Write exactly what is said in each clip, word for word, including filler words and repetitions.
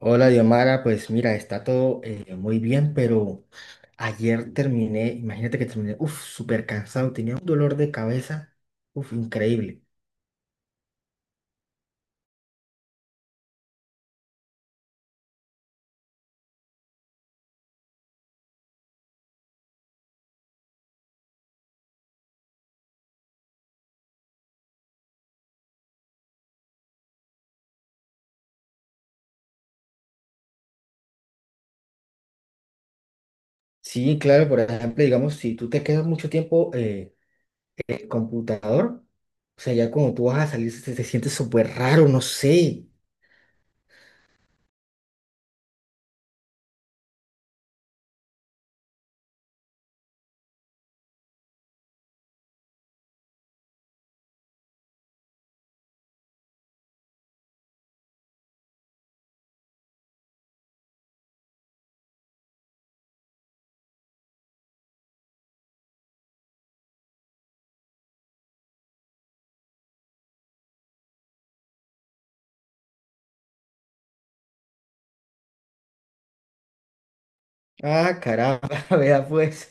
Hola, Diomara. Pues mira, está todo eh, muy bien, pero ayer terminé, imagínate que terminé, uff, súper cansado, tenía un dolor de cabeza, uff, increíble. Sí, claro, por ejemplo, digamos, si tú te quedas mucho tiempo eh, en el computador, o sea, ya cuando tú vas a salir se te sientes súper raro, no sé. Ah, caramba, vea pues,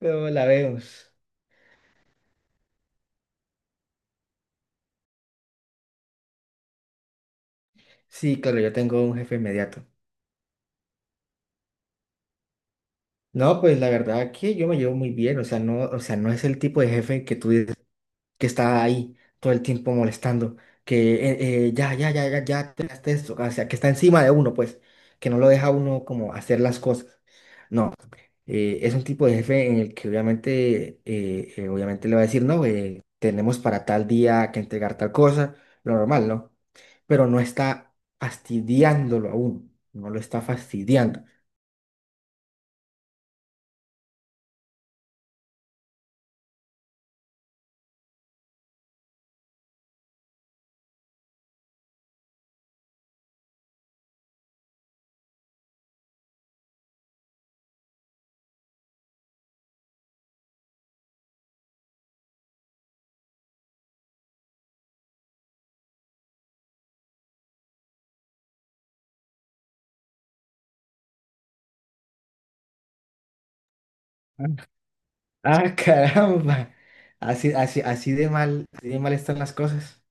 luego la vemos. Sí, claro, yo tengo un jefe inmediato. No, pues la verdad que yo me llevo muy bien, o sea, no, o sea, no es el tipo de jefe que tú que está ahí todo el tiempo molestando, que eh, eh, ya, ya, ya, ya, ya, terminaste esto, o sea, que está encima de uno, pues, que no lo deja a uno como hacer las cosas. No, eh, es un tipo de jefe en el que obviamente, eh, eh, obviamente le va a decir, no, eh, tenemos para tal día que entregar tal cosa, lo normal, ¿no? Pero no está fastidiándolo a uno, no lo está fastidiando. Ah, ah, caramba. Así, así, así de mal, así de mal están las cosas.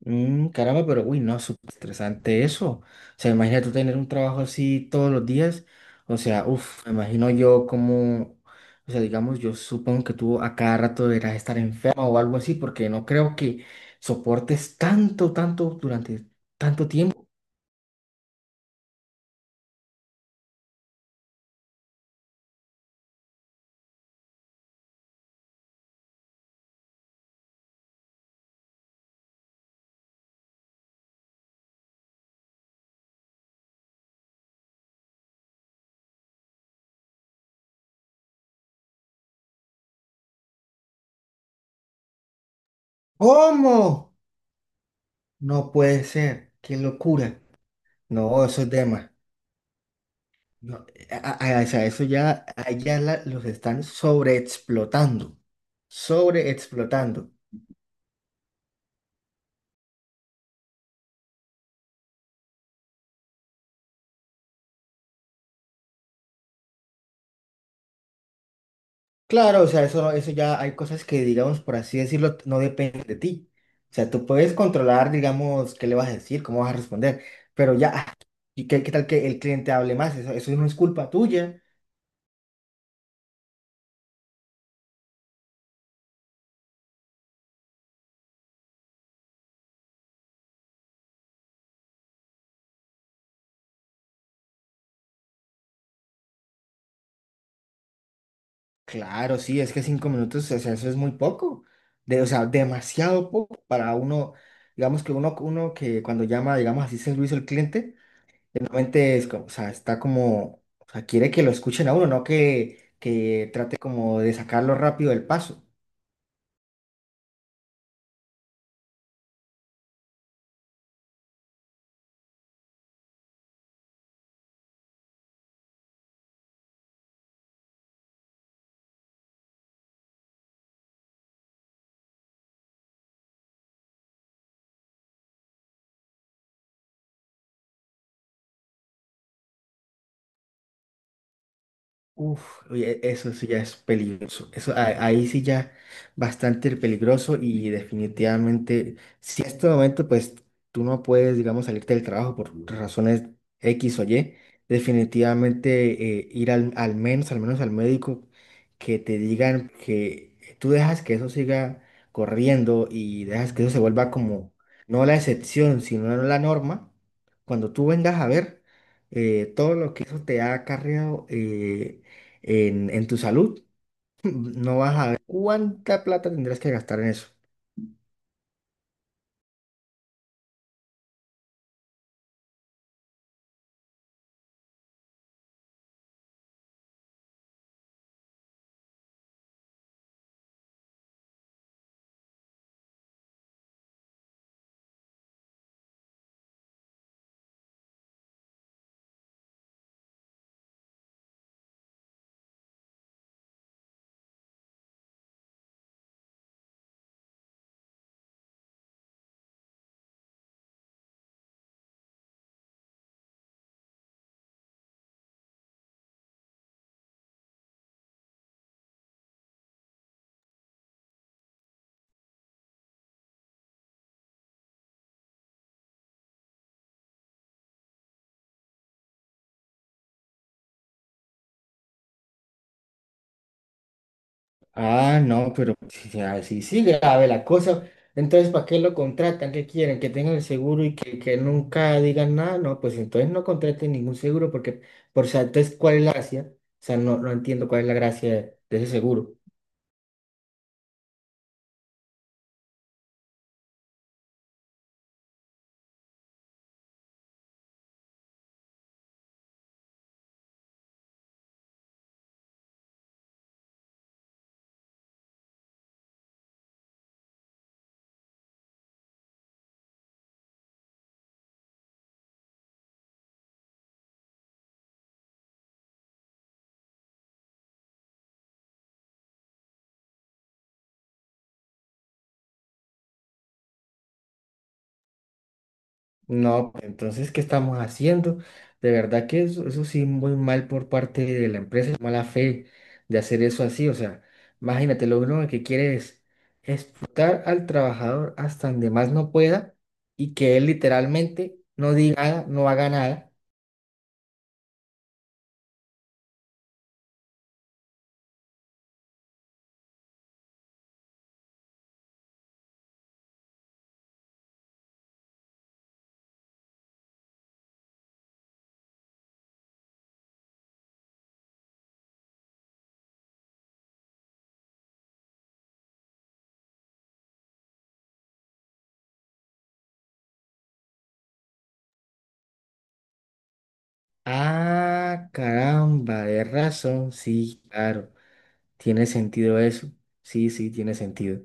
Mm, caramba, pero uy, no, súper estresante eso. O sea, imagina tú tener un trabajo así todos los días. O sea, uff, me imagino yo como, o sea, digamos, yo supongo que tú a cada rato deberás estar enfermo o algo así, porque no creo que soportes tanto, tanto durante tanto tiempo. ¿Cómo? No puede ser, qué locura. No, eso es dema. No, a- a- a- o sea, eso ya, allá los están sobreexplotando, sobreexplotando. Claro, o sea, eso, no- eso ya hay cosas que, digamos, por así decirlo, no dependen de ti. O sea, tú puedes controlar, digamos, qué le vas a decir, cómo vas a responder, pero ya, ah, ¿y qué, qué tal que el cliente hable más? Eso, eso no es culpa tuya. Claro, sí, es que cinco minutos, o sea, eso es muy poco. De, o sea, demasiado poco para uno, digamos que uno, uno que cuando llama, digamos, así servicio al cliente, normalmente es como, o sea, está como, o sea, quiere que lo escuchen a uno, no que, que trate como de sacarlo rápido del paso. Uf, oye, eso sí ya es peligroso. Eso, a- ahí sí ya bastante peligroso y definitivamente, si en este momento pues tú no puedes, digamos, salirte del trabajo por razones equis o i griega, definitivamente eh, ir al, al menos, al menos al médico, que te digan que tú dejas que eso siga corriendo y dejas que eso se vuelva como, no la excepción, sino la norma, cuando tú vengas a ver eh, todo lo que eso te ha acarreado. eh, en, en tu salud, no vas a ver cuánta plata tendrás que gastar en eso. Ah, no, pero si así sigue grave la cosa, entonces ¿para qué lo contratan? ¿Qué quieren? ¿Que tengan el seguro y que, que nunca digan nada? No, pues entonces no contraten ningún seguro porque, por, o sea, entonces ¿cuál es la gracia? O sea, no, no entiendo cuál es la gracia de ese seguro. No, entonces, ¿qué estamos haciendo? De verdad que eso, eso sí, muy mal por parte de la empresa, mala fe de hacer eso así. O sea, imagínate, lo único que quiere es explotar al trabajador hasta donde más no pueda y que él literalmente no diga nada, no haga nada. Ah, caramba, de razón. Sí, claro, tiene sentido eso. Sí, sí, tiene sentido.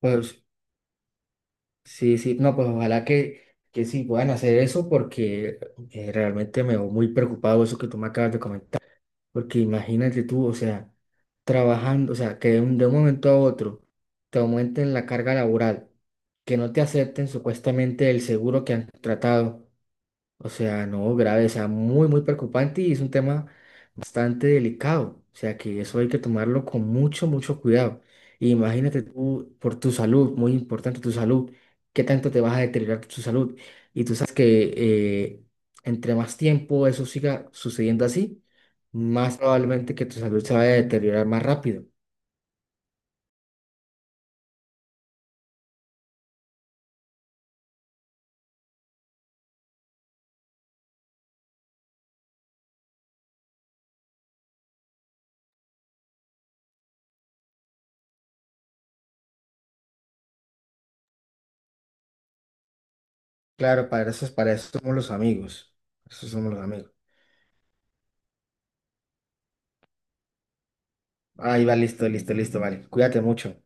Pues sí, sí, no, pues ojalá que, que sí puedan hacer eso porque eh, realmente me veo muy preocupado eso que tú me acabas de comentar. Porque imagínate tú, o sea, trabajando, o sea, que de un, de un momento a otro te aumenten la carga laboral, que no te acepten supuestamente el seguro que han tratado, o sea, no, grave, o sea, muy, muy preocupante y es un tema bastante delicado. O sea, que eso hay que tomarlo con mucho, mucho cuidado. Y imagínate tú, por tu salud, muy importante tu salud, qué tanto te vas a deteriorar tu salud. Y tú sabes que eh, entre más tiempo eso siga sucediendo así, más probablemente que tu salud se vaya a deteriorar más rápido. Claro, para eso, para eso somos los amigos. Eso somos los amigos. Ahí va, listo, listo, listo, vale. Cuídate mucho.